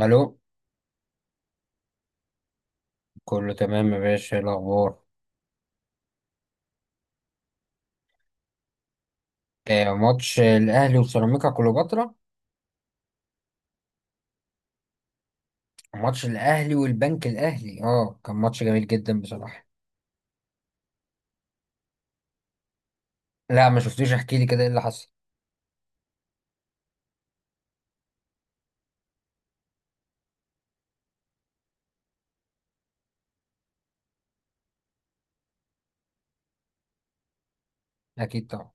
الو، كله تمام يا باشا، إيه الاخبار؟ آه، ماتش الاهلي وسيراميكا كليوباترا. ماتش الاهلي والبنك الاهلي، اه كان ماتش جميل جدا بصراحه. لا ما شفتوش، احكي لي كده ايه اللي حصل. اكيد طبعا.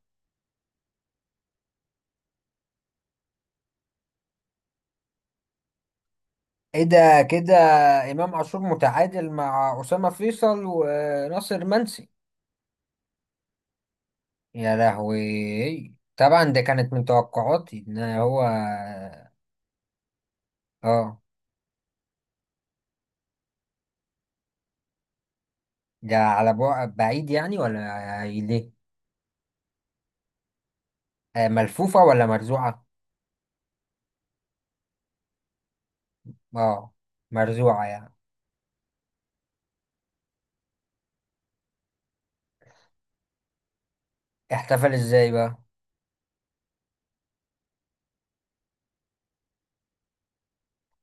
ايه ده؟ كده. امام عاشور متعادل مع اسامه فيصل وناصر منسي. يا لهوي، طبعا ده كانت من توقعاتي ان هو. اه، ده على بعد بعيد يعني ولا ليه؟ آه، ملفوفه ولا مرزوعه؟ اه، مرزوعه يعني. احتفل ازاي بقى؟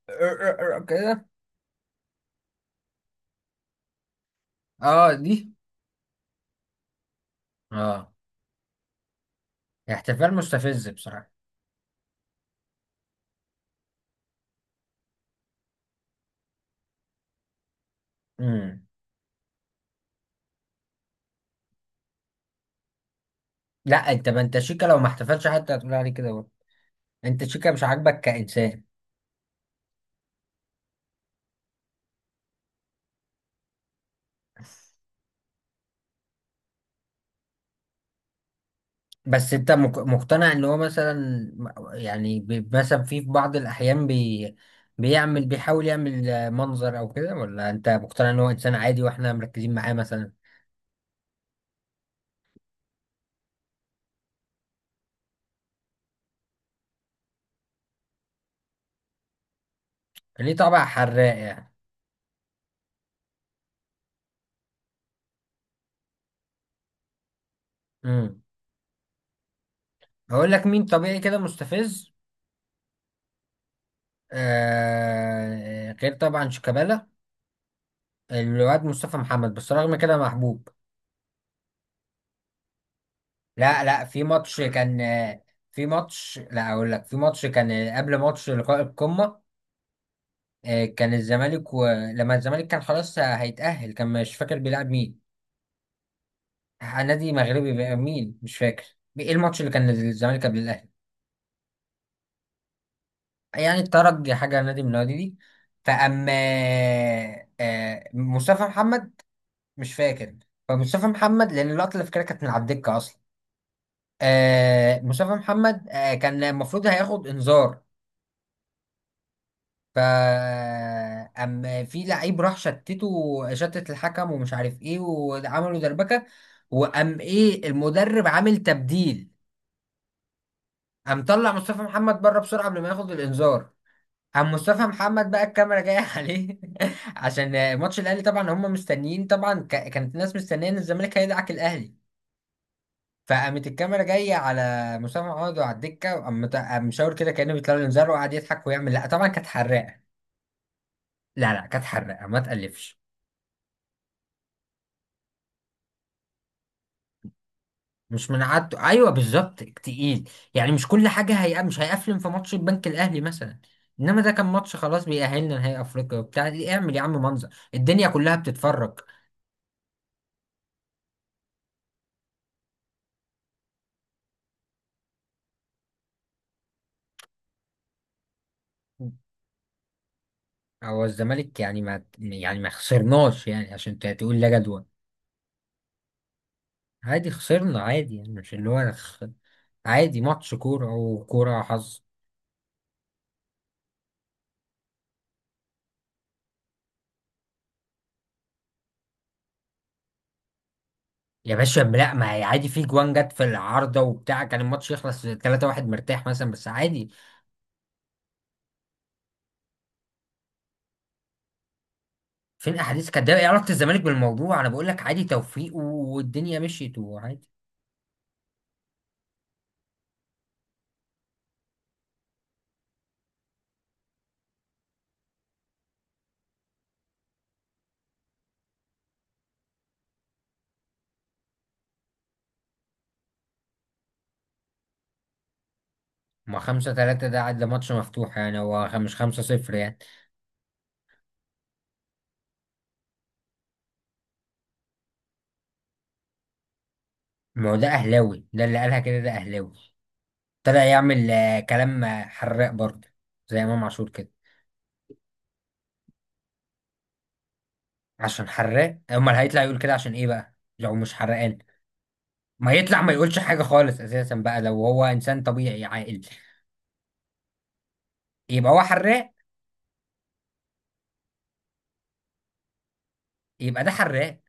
كده. اه دي. اه. احتفال مستفز بصراحة. امم. لا انت، ما انت شيكا لو ما احتفلش حتى هتقول عليه كده برضه. انت شيكا مش عاجبك كإنسان. بس انت مقتنع ان هو مثلا، يعني، مثلا في بعض الأحيان بي، بيحاول يعمل منظر او كده، ولا انت مقتنع ان هو انسان عادي واحنا مركزين معاه مثلا؟ ليه طبع حراق يعني. امم. هقول لك مين طبيعي كده مستفز. آه، غير طبعا شيكابالا. الواد مصطفى محمد بس رغم كده محبوب. لا لا، في ماتش كان. في ماتش، لا اقول لك، في ماتش كان قبل ماتش لقاء القمة. كان الزمالك، ولما الزمالك كان خلاص هيتأهل، كان مش فاكر بيلعب مين. نادي مغربي بقى، مين مش فاكر. ايه الماتش اللي كان الزمالك قبل الأهلي؟ يعني الترجي، حاجة نادي من النوادي دي. فأما مصطفى محمد. مش فاكر. فمصطفى محمد، لأن اللقطة اللي فاكرها كانت من على الدكة أصلا. آه مصطفى محمد، آه كان المفروض هياخد انذار. ف، أم، في لعيب راح شتته، شتت الحكم، ومش عارف ايه، وعملوا دربكه. وقام ايه المدرب عامل تبديل. قام طلع مصطفى محمد بره بسرعه قبل ما ياخد الانذار. قام مصطفى محمد بقى الكاميرا جايه عليه، عشان ماتش الاهلي طبعا، هم مستنيين طبعا، كانت الناس مستنيه ان الزمالك هيدعك الاهلي. فقامت الكاميرا جايه على مسام عوض وعلى الدكه، وقام قام مشاور كده كانه بيطلع له انذار، وقعد يضحك ويعمل لا، طبعا كانت حراقه. لا لا، كانت حراقه، ما تقلفش. مش من عادته، ايوه بالظبط، تقيل. يعني مش كل حاجه هي، مش هيقفلن في ماتش البنك الاهلي مثلا، انما ده كان ماتش خلاص بيأهلنا نهائي افريقيا وبتاع. اعمل يا عم منظر، الدنيا كلها بتتفرج. هو الزمالك يعني ما، يعني ما خسرناش يعني عشان تقول لا جدول. عادي خسرنا، عادي يعني، مش اللي هو عادي، ماتش كورة وكورة حظ. يا باشا لا، ما هي عادي، في جوان جت في العارضة وبتاع، كان الماتش يخلص 3-1 مرتاح مثلا، بس عادي. فين احاديث؟ كانت ايه علاقة الزمالك بالموضوع؟ انا بقول لك عادي، توفيق والدنيا مشيت وعادي. ما 5-3 ده، عاد ده ماتش مفتوح يعني، هو مش 5-0 يعني. ما هو ده اهلاوي، ده اللي قالها كده ده اهلاوي. طلع يعمل كلام حراق برضه، زي امام عاشور كده. عشان حراق، امال هيطلع يقول كده عشان ايه بقى لو مش حرقان؟ ما يطلع ما يقولش حاجة خالص اساسا بقى لو هو انسان طبيعي عاقل. يبقى هو حراق. يبقى ده حراق.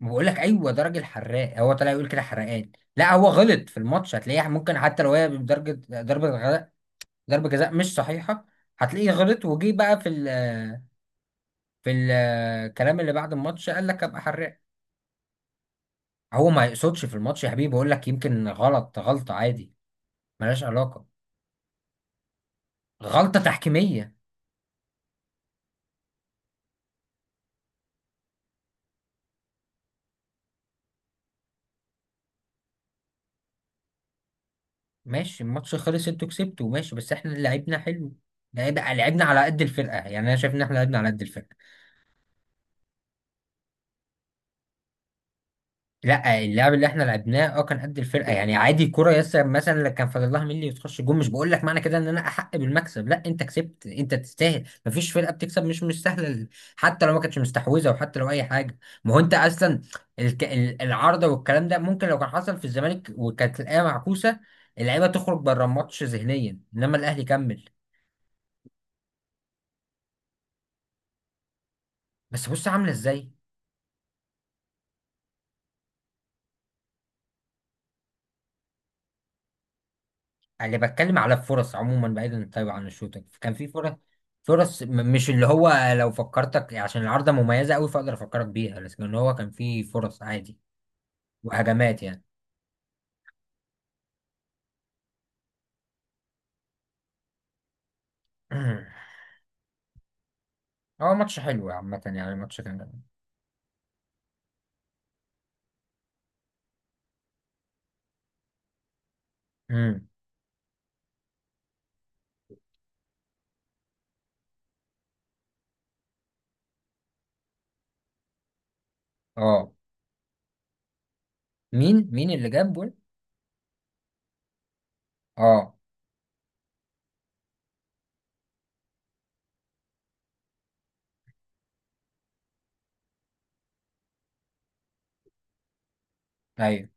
ما بقول لك ايوه، ده راجل حراق، هو طلع يقول كده حرقان. لا، هو غلط في الماتش هتلاقيه ممكن، حتى لو هي بدرجه ضربه ضربه جزاء مش صحيحه، هتلاقيه غلط وجي بقى في الكلام اللي بعد الماتش قال لك، ابقى حراق. هو ما يقصدش في الماتش يا حبيبي، بقول لك يمكن غلط، غلطه عادي ملهاش علاقه، غلطه تحكيميه. ماشي، الماتش خلص، انتوا كسبتوا ماشي، بس احنا لعبنا حلو. لعبنا على قد الفرقه يعني، انا شايف ان احنا لعبنا على قد الفرقه. لا، اللعب اللي احنا لعبناه اه كان قد الفرقه، يعني عادي، كرة يسر مثلا لو كان فاضل لها ملي وتخش جون، مش بقول لك معنى كده ان انا احق بالمكسب، لا انت كسبت، انت تستاهل، مفيش فرقه بتكسب، مش سهله. حتى لو ما كانتش مستحوذه، وحتى لو اي حاجه. ما هو انت اصلا العارضه والكلام ده، ممكن لو كان حصل في الزمالك وكانت الايه معكوسه، اللعيبه تخرج بره الماتش ذهنيا، انما الاهلي كمل. بس بص عامله ازاي. اللي بتكلم على الفرص عموما، بعيدا طيب عن الشوتنج، كان في فرص. فرص، مش اللي هو، لو فكرتك عشان العارضة مميزة قوي فاقدر افكرك بيها، لكن هو كان في فرص عادي وهجمات يعني. هو ماتش حلو عامة يعني، ماتش كان جميل. امم. اه. مين مين اللي جاب جول؟ اه. ايوه.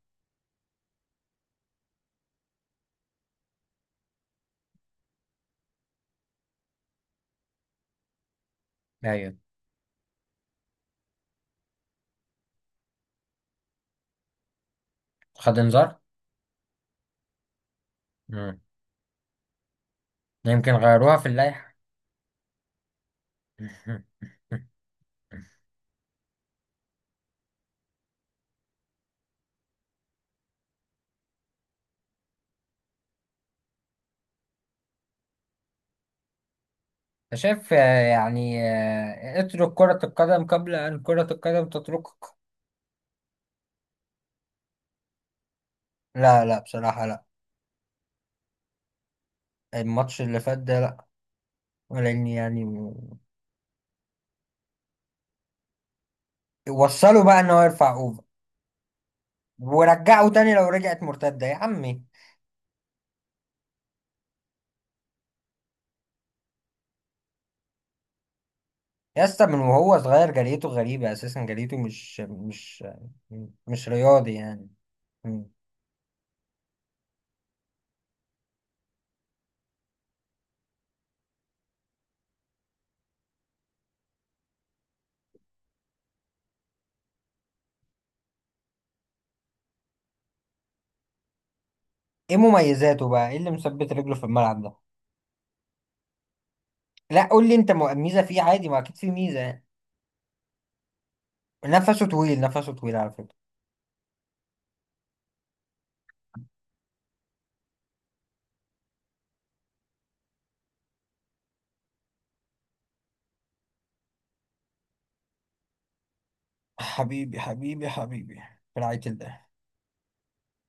ايوه. خد انذار. امم. يمكن غيروها في اللائحة. أنت شايف يعني، اترك كرة القدم قبل أن كرة القدم تتركك. لا لا، بصراحة لا. الماتش اللي فات ده لا. لان يعني وصلوا بقى ان هو يرفع اوفر، ورجعوا تاني لو رجعت مرتده يا عمي. يا اسطى، من وهو صغير جريته غريبه اساسا، جريته مش مش رياضي يعني. مم. ايه مميزاته بقى؟ ايه اللي مثبت رجله في الملعب ده؟ لا، قول لي انت، ميزه فيه عادي، ما اكيد في ميزه يعني. نفسه طويل، نفسه طويل على فكره. حبيبي حبيبي حبيبي.